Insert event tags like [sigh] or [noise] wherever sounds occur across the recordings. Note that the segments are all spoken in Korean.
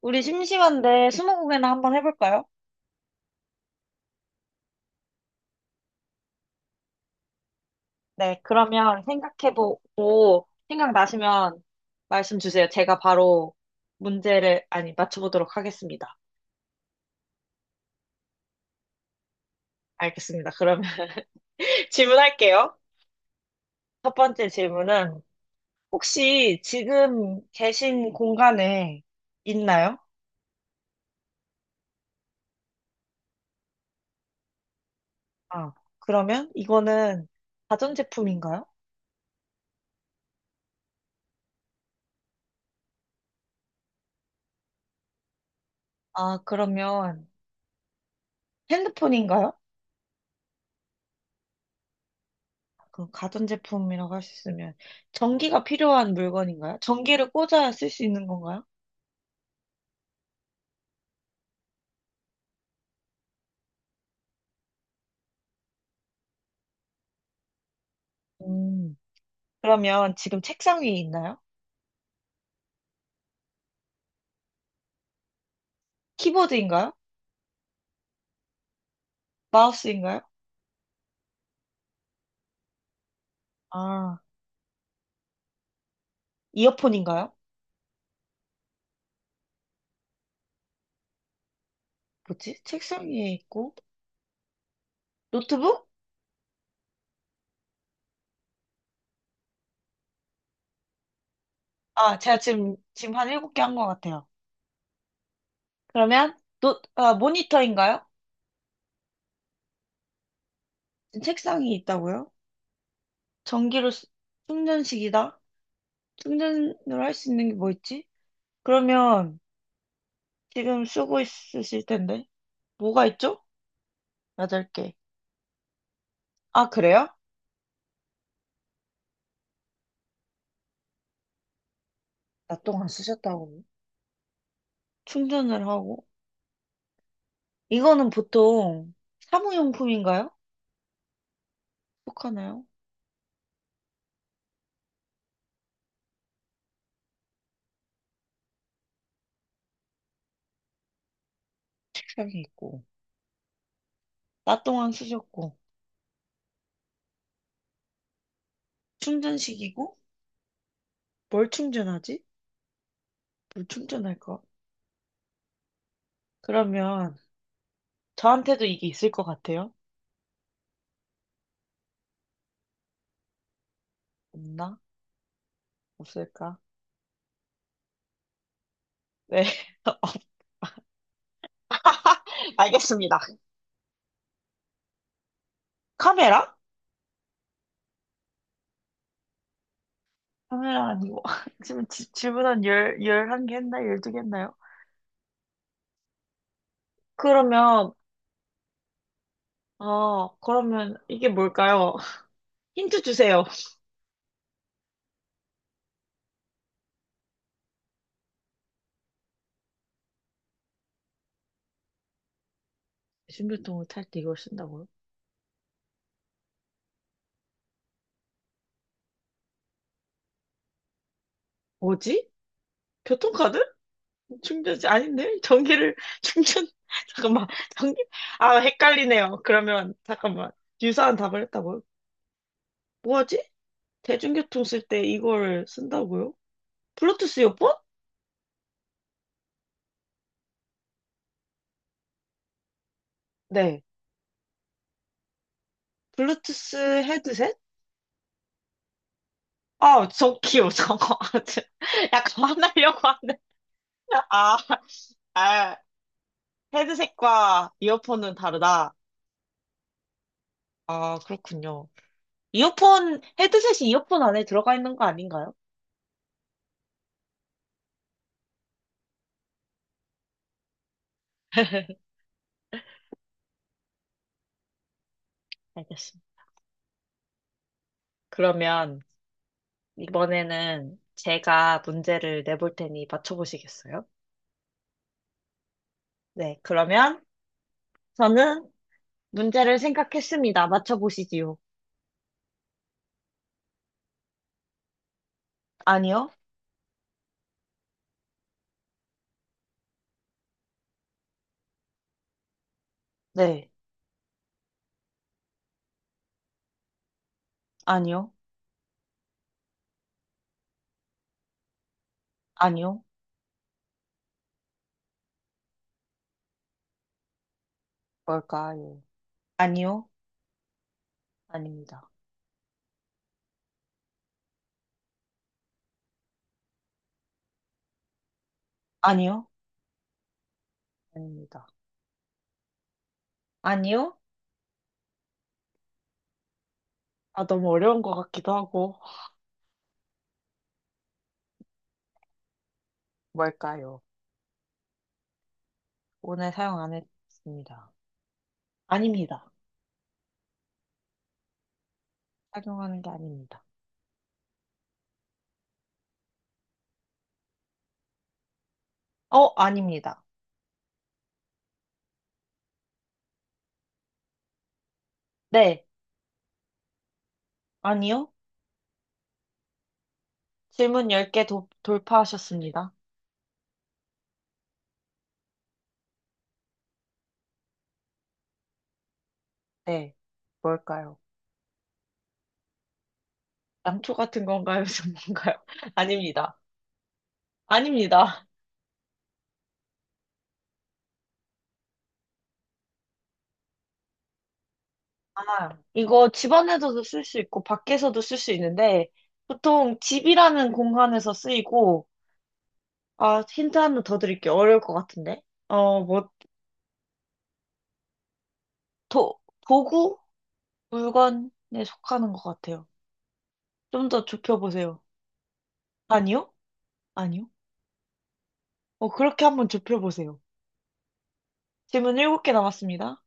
우리 심심한데 스무고개나 한번 해볼까요? 네, 그러면 생각해보고 생각나시면 말씀 주세요. 제가 바로 문제를, 아니, 맞춰보도록 하겠습니다. 알겠습니다. 그러면 [laughs] 질문할게요. 첫 번째 질문은 혹시 지금 계신 공간에 있나요? 아, 그러면 이거는 가전제품인가요? 아, 그러면 핸드폰인가요? 그 가전제품이라고 할 수 있으면 전기가 필요한 물건인가요? 전기를 꽂아야 쓸 수 있는 건가요? 음. 그러면 지금 책상 위에 있나요? 키보드인가요? 마우스인가요? 아, 이어폰인가요? 뭐지? 책상 위에 있고 노트북? 아, 제가 지금 한 7개 한 것 같아요. 그러면 노, 아, 모니터인가요? 지금 책상이 있다고요? 전기로 쓰- 충전식이다. 충전으로 할 수 있는 게 뭐 있지? 그러면 지금 쓰고 있으실 텐데 뭐가 있죠? 8개. 아, 그래요? 나 동안 쓰셨다고. 충전을 하고 이거는 보통 사무용품인가요? 속하나요? 책상에 있고. 낮 동안 쓰셨고 충전식이고 뭘 충전하지? 뭘 충전할까? 그러면 저한테도 이게 있을 것 같아요. 없나? 없을까? 네, [laughs] 알겠습니다. 카메라? 카메라 아니고 [laughs] 지금 질문 한 열한 개 했나? 12개 했나요? 그러면 이게 뭘까요? [laughs] 힌트 주세요. 신교통을 탈 때 이걸 쓴다고요? 뭐지? 교통카드? 충전지 아닌데? 전기를 [laughs] 충전 [laughs] 잠깐만, 전기. 헷갈리네요. 그러면 잠깐만, 유사한 답을 했다고요? 뭐지? 대중교통 쓸 때 이걸 쓴다고요? 블루투스 이어폰? 네. 블루투스 헤드셋? 아, 저 귀여워, 저거. [laughs] 저- 약간 화나려고 하는데. 아, 아, 헤드셋과 이어폰은 다르다. 아, 그렇군요. 이어폰, 헤드셋이 이어폰 안에 들어가 있는 거 아닌가요? [laughs] 알겠습니다. 그러면 이번에는 제가 문제를 내볼 테니 맞춰보시겠어요? 네, 그러면 저는 문제를 생각했습니다. 맞춰보시지요. 아니요? 네, 아니요, 아니요, 뭘까요? 아니요, 아닙니다. 아니요, 아닙니다. 아니요? 아, 너무 어려운 것 같기도 하고. 뭘까요? 오늘 사용 안 했습니다. 아닙니다. 착용하는 게 아닙니다. 아닙니다. 네, 아니요. 질문 10개 돌파하셨습니다. 네, 뭘까요? 양초 같은 건가요? [laughs] 전가요 [laughs] 아닙니다. 아닙니다. 아, 이거 집 안에서도 쓸 수 있고, 밖에서도 쓸 수 있는데, 보통 집이라는 공간에서 쓰이고, 아, 힌트 하나 더 드릴게요. 어려울 것 같은데. 뭐, 도, 도구? 물건에 속하는 것 같아요. 좀 더 좁혀보세요. 아니요? 아니요? 그렇게 한번 좁혀보세요. 질문 7개 남았습니다.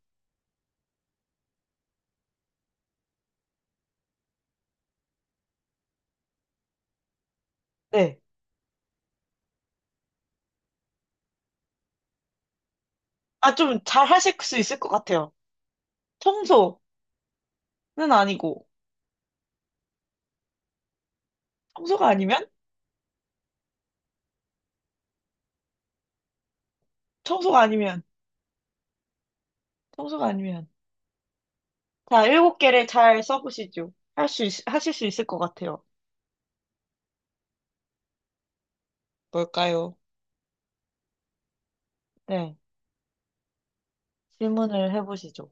네. 아, 좀 잘 하실 수 있을 것 같아요. 청소는 아니고, 청소가 아니면? 청소가 아니면, 청소가 아니면. 자, 7개를 잘 써보시죠. 하실 수 있을 것 같아요. 뭘까요? 네. 질문을 해보시죠.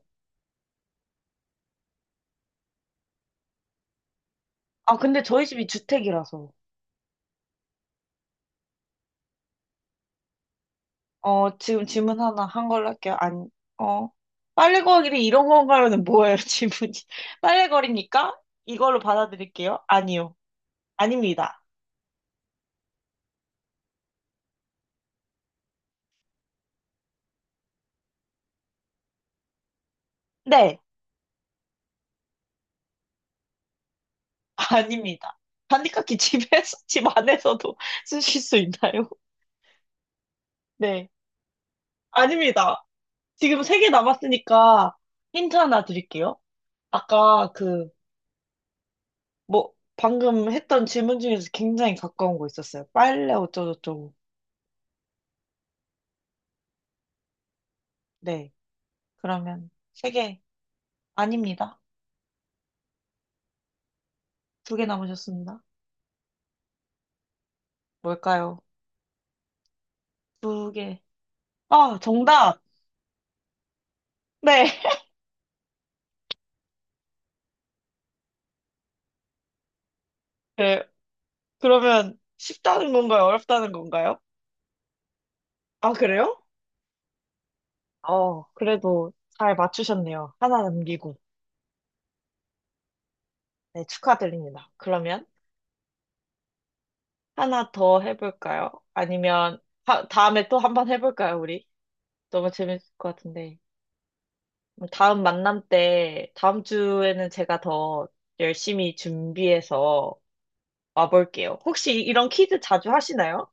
아, 근데 저희 집이 주택이라서. 지금 질문 하나 한 걸로 할게요. 안, 어. 빨래 거리 이런 건가요는 뭐예요, 질문이? [laughs] 빨래 거리니까? 이걸로 받아들일게요. 아니요. 아닙니다. 네. 아닙니다. 단디깎기 집에서, [laughs] 집 안에서도 [laughs] 쓰실 수 있나요? 네. 아닙니다. 지금 3개 남았으니까 힌트 하나 드릴게요. 아까 그, 뭐, 방금 했던 질문 중에서 굉장히 가까운 거 있었어요. 빨래 어쩌고저쩌고. 네. 그러면 3개. 아닙니다. 2개 남으셨습니다. 뭘까요? 2개. 아, 정답! 네. 네. 그러면 쉽다는 건가요? 어렵다는 건가요? 아, 그래요? 그래도 잘 맞추셨네요. 하나 남기고. 네, 축하드립니다. 그러면 하나 더 해볼까요? 아니면 다음에 또 한번 해볼까요, 우리? 너무 재밌을 것 같은데. 그럼 다음 만남 때, 다음 주에는 제가 더 열심히 준비해서 와볼게요. 혹시 이런 퀴즈 자주 하시나요?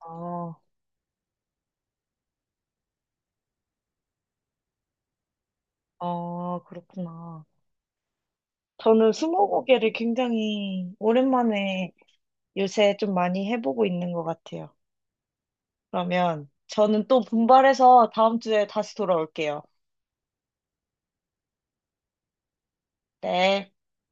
아, 아, 그렇구나. 저는 스무고개를 굉장히 오랜만에 요새 좀 많이 해보고 있는 것 같아요. 그러면 저는 또 분발해서 다음 주에 다시 돌아올게요. 네.